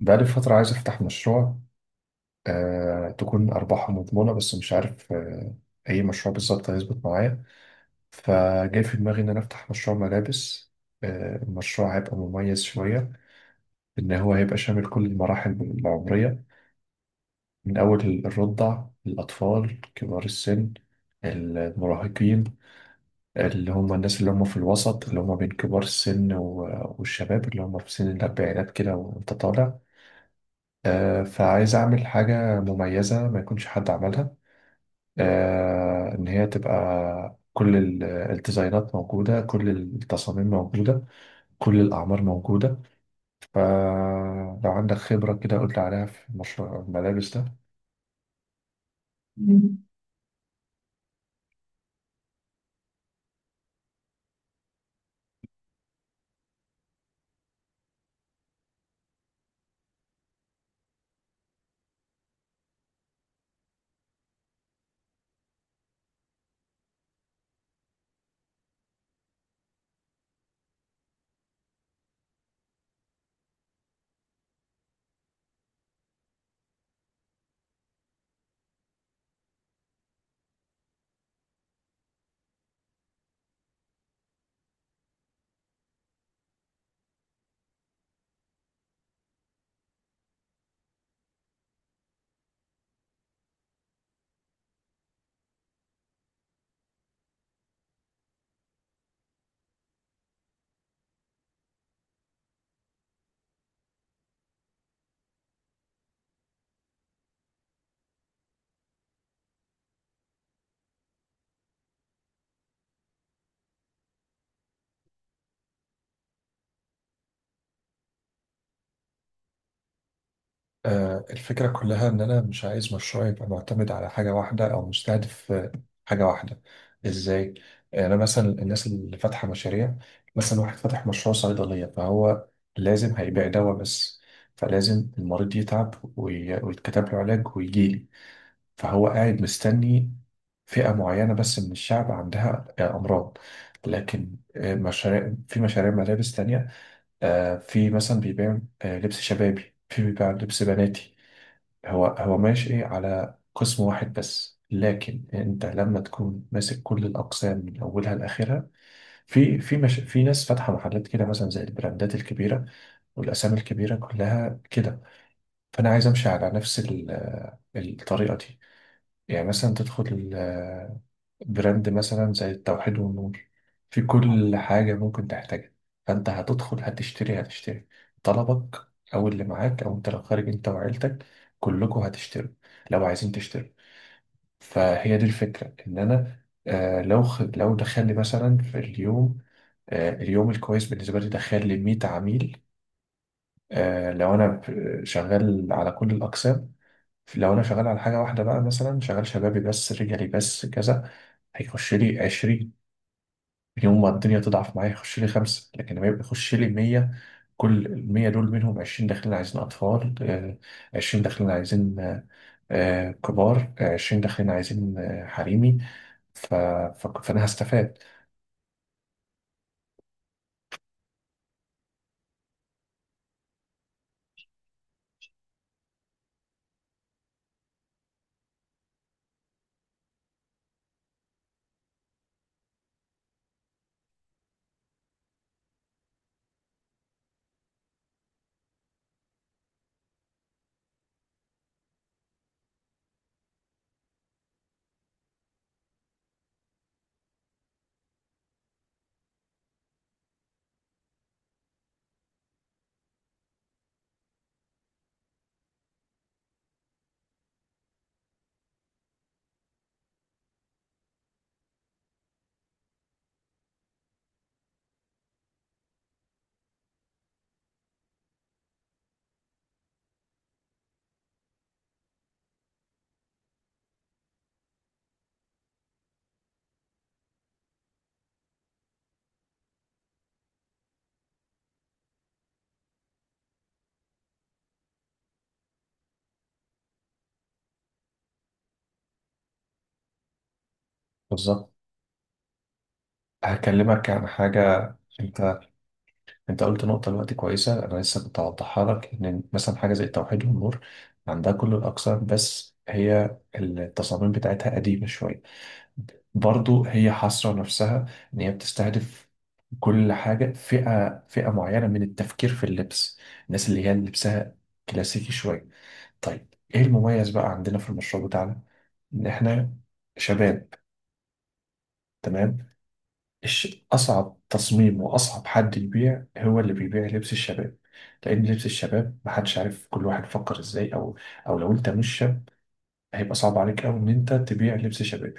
بقالي فترة عايز أفتح مشروع، تكون أرباحه مضمونة، بس مش عارف أي مشروع بالظبط هيظبط معايا. فجاي في دماغي إن أنا أفتح مشروع ملابس. المشروع هيبقى مميز شوية، إن هو هيبقى شامل كل المراحل العمرية، من أول الرضع، الأطفال، كبار السن، المراهقين، اللي هم الناس اللي هم في الوسط، اللي هم بين كبار السن والشباب اللي هم في سن الأربعينات كده وأنت طالع. فعايز أعمل حاجة مميزة ما يكونش حد عملها، إن هي تبقى كل الديزاينات موجودة، كل التصاميم موجودة، كل الأعمار موجودة. فلو عندك خبرة كده قول لي عليها في مشروع الملابس ده. الفكرة كلها إن أنا مش عايز مشروعي يبقى معتمد على حاجة واحدة، أو مستهدف حاجة واحدة. إزاي؟ يعني أنا مثلا الناس اللي فاتحة مشاريع، مثلا واحد فاتح مشروع صيدلية، فهو لازم هيبيع دواء بس، فلازم المريض يتعب ويتكتب له علاج ويجيلي، فهو قاعد مستني فئة معينة بس من الشعب عندها أمراض. لكن مشاريع، في مشاريع ملابس تانية، في مثلا بيبيع لبس شبابي، في بيبيع لبس بناتي. هو ماشي على قسم واحد بس، لكن انت لما تكون ماسك كل الاقسام من اولها لاخرها، في مش، في ناس فاتحه محلات كده مثلا زي البراندات الكبيره والاسامي الكبيره كلها كده. فانا عايز امشي على نفس الطريقه دي. يعني مثلا تدخل براند مثلا زي التوحيد والنور، في كل حاجة ممكن تحتاجها. فأنت هتدخل، هتشتري طلبك، أو اللي معاك، أو أنت لو خارج أنت وعيلتك كلكم هتشتروا لو عايزين تشتروا. فهي دي الفكرة. إن أنا لو دخل لي مثلا في اليوم، اليوم الكويس بالنسبة لي، دخل لي 100 عميل، لو أنا شغال على كل الأقسام. لو أنا شغال على حاجة واحدة بقى، مثلا شغال شبابي بس، رجالي بس، كذا، هيخش لي 20. يوم ما الدنيا تضعف معايا يخش لي خمسة، لكن لما يبقى يخش لي 100، كل 100 دول منهم 20 داخلين عايزين أطفال، 20 داخلين عايزين كبار، 20 داخلين عايزين حريمي. ف... فأنا هستفاد. بالظبط. هكلمك عن حاجة. أنت أنت قلت نقطة دلوقتي كويسة. أنا لسه كنت هوضحها لك. إن مثلا حاجة زي التوحيد والنور عندها كل الأقسام، بس هي التصاميم بتاعتها قديمة شوية. برضو هي حاصرة نفسها، إن هي بتستهدف كل حاجة، فئة معينة من التفكير في اللبس، الناس اللي هي لبسها كلاسيكي شوية. طيب، إيه المميز بقى عندنا في المشروع بتاعنا؟ إن إحنا شباب. تمام. أصعب تصميم وأصعب حد يبيع هو اللي بيبيع لبس الشباب. لأن لبس الشباب محدش عارف كل واحد فكر إزاي، أو لو أنت مش شاب، هيبقى صعب عليك أوي إن أنت تبيع لبس شباب.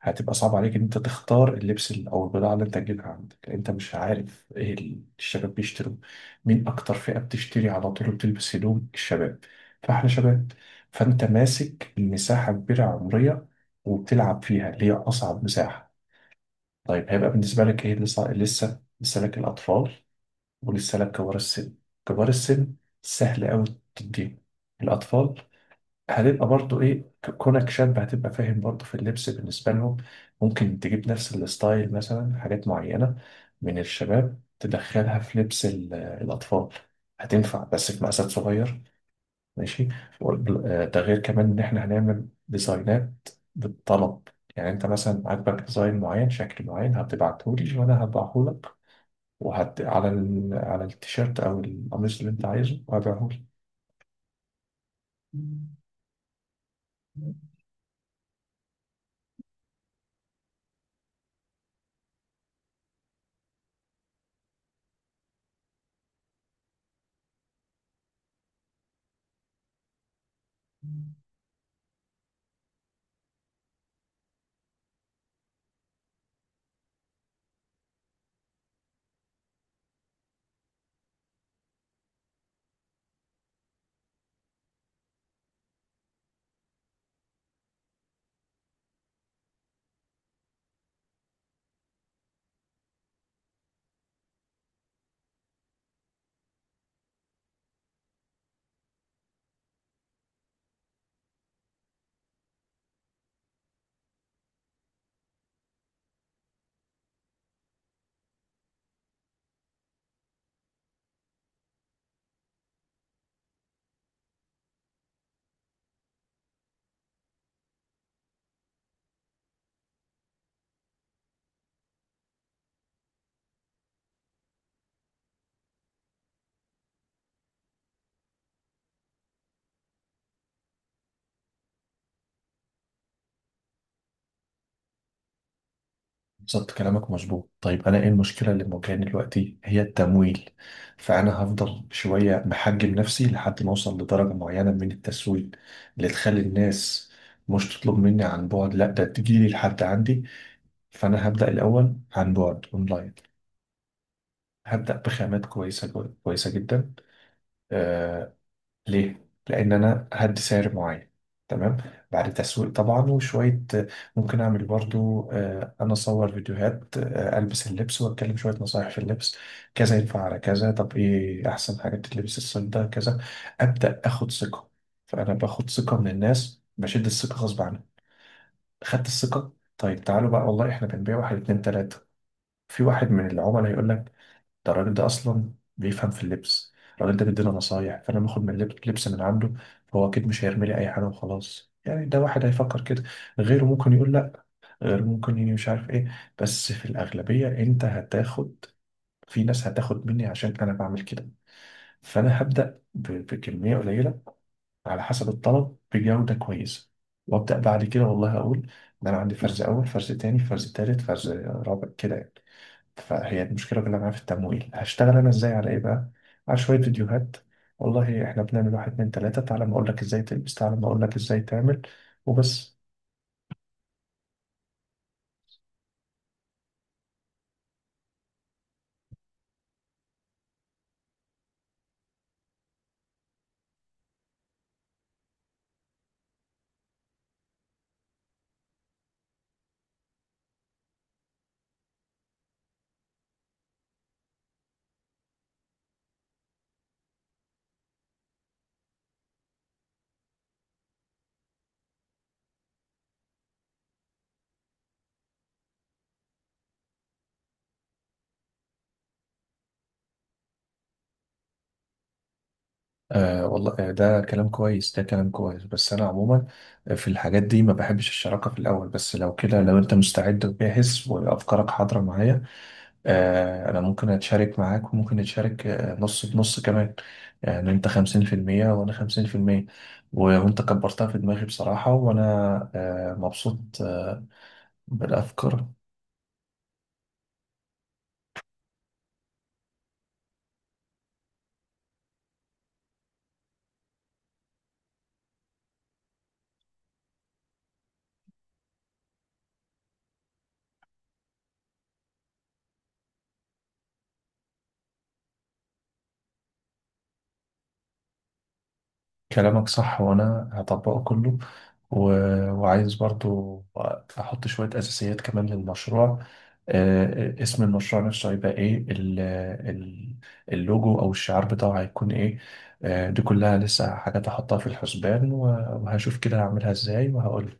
هتبقى صعب عليك ان انت تختار اللبس او البضاعه اللي انت تجيبها عندك، لأن انت مش عارف ايه الشباب بيشتروا، مين اكتر فئه بتشتري على طول بتلبس هدوم الشباب. فاحنا شباب، فانت ماسك مساحه كبيره عمريه، وبتلعب فيها اللي هي اصعب مساحه. طيب، هيبقى بالنسبه لك ايه؟ لسه لك الاطفال، ولسه لك كبار السن. كبار السن سهل قوي، تديهم. الاطفال، هتبقى برضو ايه، كونك شاب هتبقى فاهم برضو في اللبس بالنسبة لهم. ممكن تجيب نفس الستايل، مثلا حاجات معينة من الشباب تدخلها في لبس الأطفال، هتنفع بس في مقاسات صغير. ماشي. ده غير كمان إن إحنا هنعمل ديزاينات بالطلب. يعني أنت مثلا عاجبك ديزاين معين، شكل معين، هتبعتهولي وأنا هبعهولك، على التيشيرت أو القميص اللي أنت عايزه وهبيعهولك. بالظبط. كلامك مظبوط. طيب، انا ايه المشكله اللي مواجهاني دلوقتي؟ هي التمويل. فانا هفضل شويه محجم نفسي لحد ما اوصل لدرجه معينه من التسويق، اللي تخلي الناس مش تطلب مني عن بعد، لا ده تجيلي لحد عندي. فانا هبدا الاول عن بعد اونلاين، هبدا بخامات كويسه كويسه جدا. آه، ليه؟ لأن أنا هدي سعر معين. تمام. بعد تسويق طبعا وشوية. ممكن أعمل برضو أنا أصور فيديوهات، ألبس اللبس وأتكلم شوية نصايح في اللبس. كذا ينفع على كذا، طب إيه أحسن حاجة تتلبس الصيف ده، كذا. أبدأ آخد ثقة. فأنا باخد ثقة من الناس، بشد الثقة غصب عنها. خدت الثقة. طيب تعالوا بقى، والله إحنا بنبيع واحد اتنين تلاتة. في واحد من العملاء هيقول لك، ده الراجل ده اصلا بيفهم في اللبس، الراجل ده بيدينا نصايح، فانا باخد من لبس من عنده، فهو اكيد مش هيرمي لي اي حاجه وخلاص، يعني ده واحد هيفكر كده. غيره ممكن يقول لا، غيره ممكن يجي مش عارف ايه، بس في الاغلبيه انت هتاخد، في ناس هتاخد مني عشان انا بعمل كده. فانا هبدا بكميه قليله على حسب الطلب بجوده كويسه، وابدا بعد كده والله اقول ان انا عندي فرز اول، فرز تاني، فرز تالت، فرز رابع كده يعني. فهي المشكلة كلها معايا في التمويل. هشتغل أنا إزاي، على إيه بقى؟ على شوية فيديوهات، والله إحنا بنعمل واحد اتنين تلاتة، تعالى ما أقولك إزاي تلبس، تعالى ما أقولك إزاي تعمل. وبس. والله، ده كلام كويس، ده كلام كويس، بس انا عموما في الحاجات دي ما بحبش الشراكة في الاول، بس لو كده، لو انت مستعد وجاهز وافكارك حاضرة معايا، انا ممكن اتشارك معاك، وممكن نتشارك نص بنص كمان. يعني انت 50%، وانا 50%. وانت كبرتها في دماغي بصراحة، وانا مبسوط بالافكار. كلامك صح وانا هطبقه كله، و... وعايز برضو احط شوية اساسيات كمان للمشروع. اسم المشروع نفسه هيبقى ايه، ال- اللوجو او الشعار بتاعه هيكون ايه؟ دي كلها لسه حاجات احطها في الحسبان، وهشوف كده هعملها ازاي وهقول